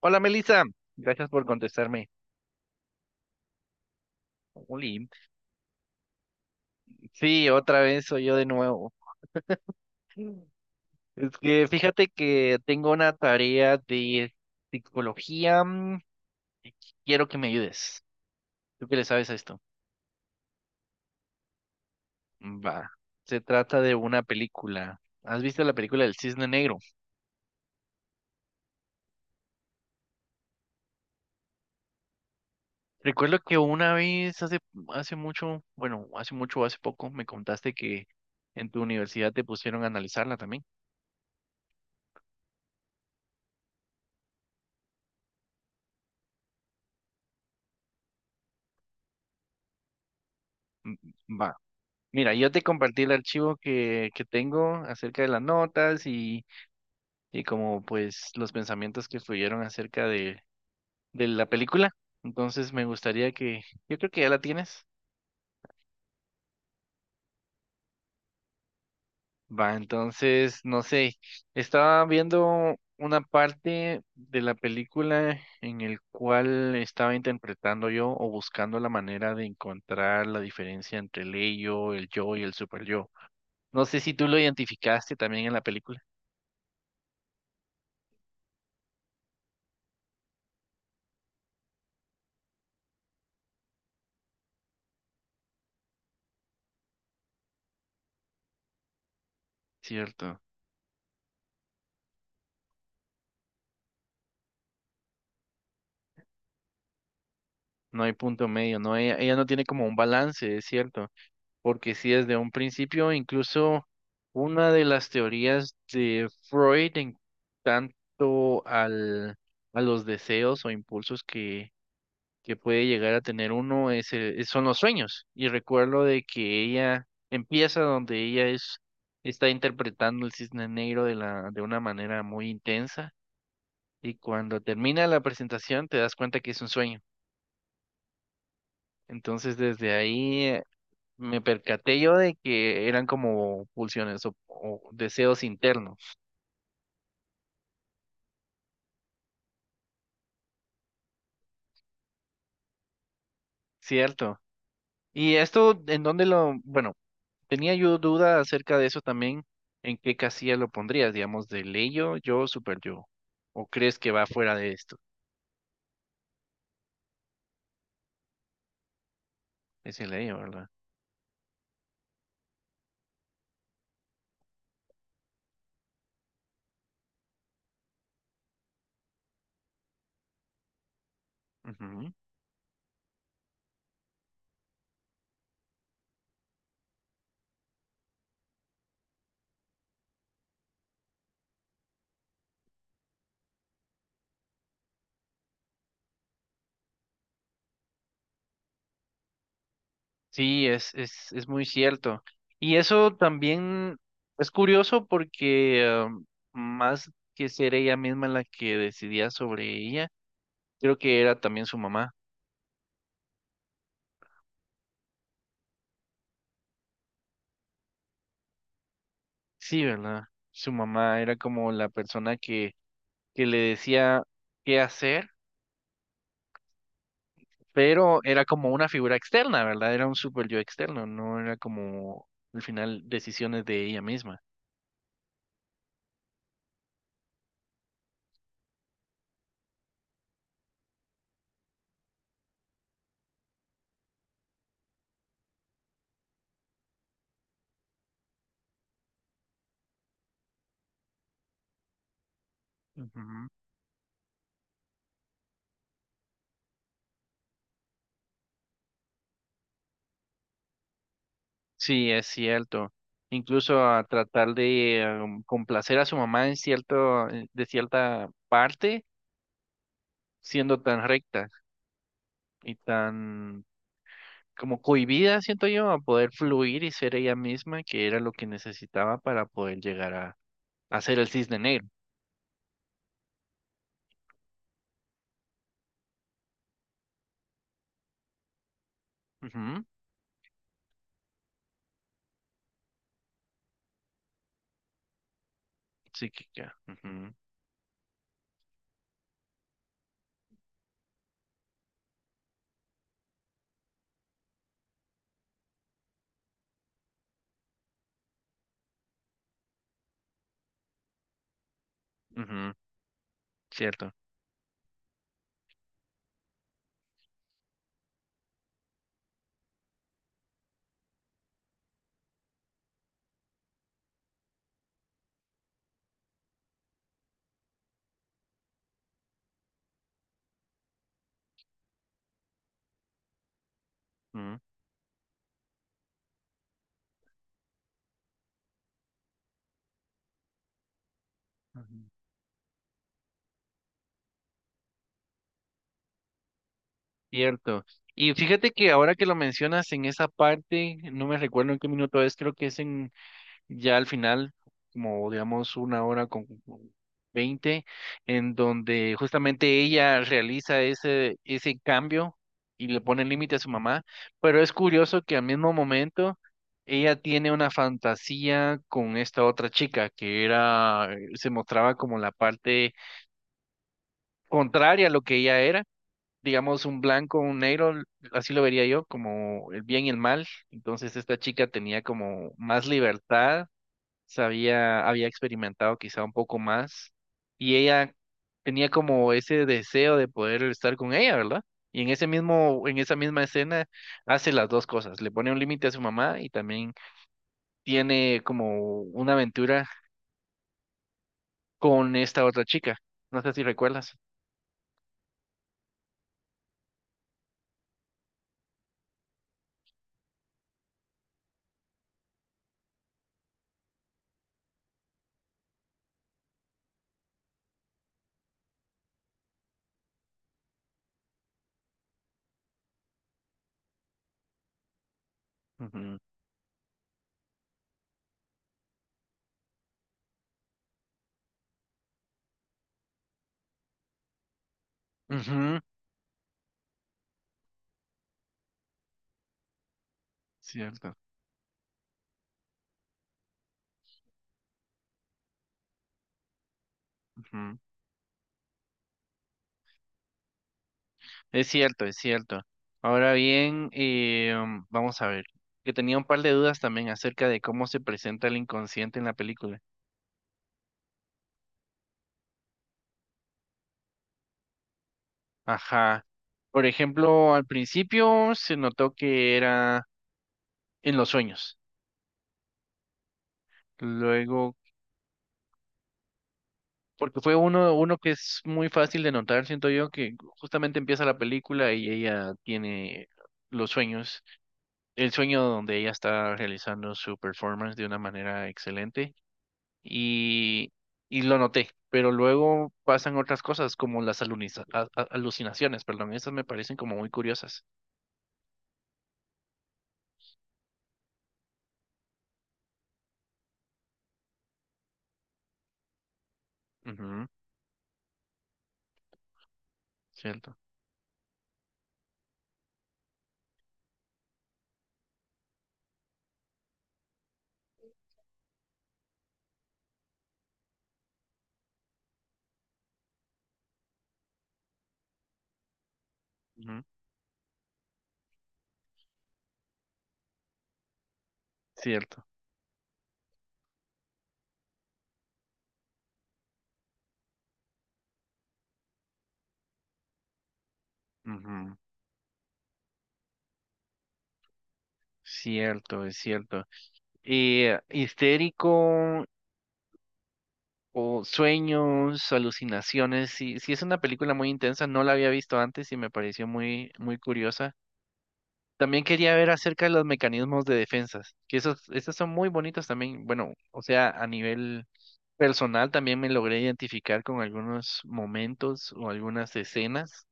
Hola Melissa, gracias por contestarme. Jolín. Sí, otra vez soy yo de nuevo. Es que fíjate que tengo una tarea de psicología y quiero que me ayudes. ¿Tú qué le sabes a esto? Va, se trata de una película. ¿Has visto la película del Cisne Negro? Recuerdo que una vez hace mucho, bueno, hace mucho o hace poco me contaste que en tu universidad te pusieron a analizarla también. Mm, Va. Mira, yo te compartí el archivo que tengo acerca de las notas y como pues los pensamientos que fluyeron acerca de la película. Entonces me gustaría yo creo que ya la tienes. Va, entonces, no sé, estaba viendo una parte de la película en el cual estaba interpretando yo o buscando la manera de encontrar la diferencia entre el ello, el yo y el super yo. No sé si tú lo identificaste también en la película, ¿cierto? No hay punto medio, no, ella no tiene como un balance, es cierto, porque si desde un principio, incluso una de las teorías de Freud en tanto a los deseos o impulsos que puede llegar a tener uno es, son los sueños. Y recuerdo de que ella empieza donde ella es, está interpretando el cisne negro de de una manera muy intensa, y cuando termina la presentación te das cuenta que es un sueño. Entonces desde ahí me percaté yo de que eran como pulsiones o deseos internos, ¿cierto? Y esto, ¿en dónde lo...? Bueno, tenía yo duda acerca de eso también, ¿en qué casilla lo pondrías? Digamos, de ley yo, super yo. ¿O crees que va fuera de esto? Es el ello, ¿verdad? Ujú. Sí, es muy cierto. Y eso también es curioso porque más que ser ella misma la que decidía sobre ella, creo que era también su mamá. Sí, ¿verdad? Su mamá era como la persona que le decía qué hacer, pero era como una figura externa, ¿verdad? Era un super yo externo, no era como al final decisiones de ella misma. Ujú. Sí, es cierto. Incluso a tratar de complacer a su mamá en cierto, de cierta parte, siendo tan recta y tan como cohibida, siento yo, a poder fluir y ser ella misma, que era lo que necesitaba para poder llegar a hacer el cisne negro. Ujú. Psíquica. Ujú, ujú. Cierto. Ujú, ujú. Cierto. Y fíjate que ahora que lo mencionas en esa parte, no me recuerdo en qué minuto es, creo que es en ya al final, como digamos 1:20, en donde justamente ella realiza ese cambio y le pone límite a su mamá, pero es curioso que al mismo momento ella tiene una fantasía con esta otra chica que era, se mostraba como la parte contraria a lo que ella era. Digamos un blanco, un negro, así lo vería yo, como el bien y el mal. Entonces esta chica tenía como más libertad, sabía, había experimentado quizá un poco más y ella tenía como ese deseo de poder estar con ella, ¿verdad? Y en ese en esa misma escena hace las dos cosas, le pone un límite a su mamá y también tiene como una aventura con esta otra chica. No sé si recuerdas. Ujú, ujú. Cierto. Ujú. Es cierto, es cierto. Ahora bien, vamos a ver, que tenía un par de dudas también acerca de cómo se presenta el inconsciente en la película. Ajá. Por ejemplo, al principio se notó que era en los sueños. Luego, porque fue uno que es muy fácil de notar, siento yo, que justamente empieza la película y ella tiene los sueños, el sueño donde ella está realizando su performance de una manera excelente y, y lo noté. Pero luego pasan otras cosas como las alucinaciones, perdón, esas me parecen como muy curiosas. Ujú, cierto. Ujú, cierto. Ujú. Cierto, es cierto. Histérico o sueños, alucinaciones. Sí, sí es una película muy intensa, no la había visto antes y me pareció muy, muy curiosa. También quería ver acerca de los mecanismos de defensas, que esos son muy bonitos también. Bueno, o sea, a nivel personal también me logré identificar con algunos momentos o algunas escenas.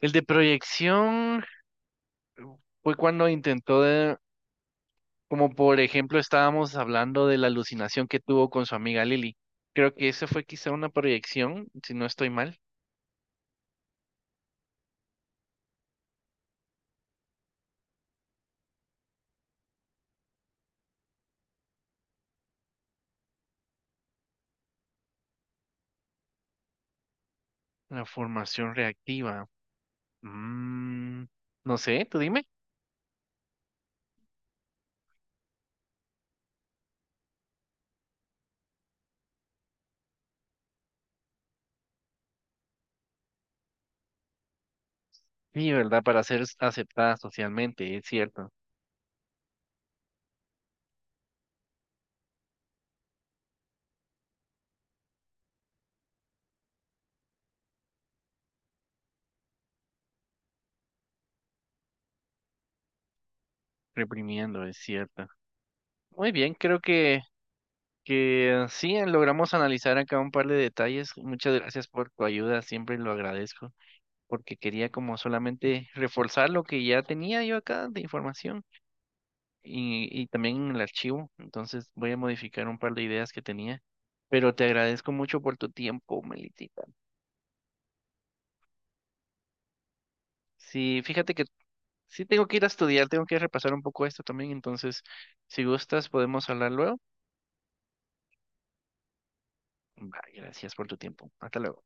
El de proyección fue cuando intentó de... Como por ejemplo estábamos hablando de la alucinación que tuvo con su amiga Lily. Creo que esa fue quizá una proyección, si no estoy mal. La formación reactiva. Mm, no sé, tú dime. Sí, ¿verdad? Para ser aceptada socialmente, es cierto. Reprimiendo, es cierto. Muy bien, creo que sí, logramos analizar acá un par de detalles. Muchas gracias por tu ayuda, siempre lo agradezco, porque quería como solamente reforzar lo que ya tenía yo acá de información y también en el archivo. Entonces voy a modificar un par de ideas que tenía. Pero te agradezco mucho por tu tiempo, Melitita. Sí, fíjate que sí tengo que ir a estudiar, tengo que repasar un poco esto también. Entonces, si gustas, podemos hablar luego. Bye, gracias por tu tiempo. Hasta luego.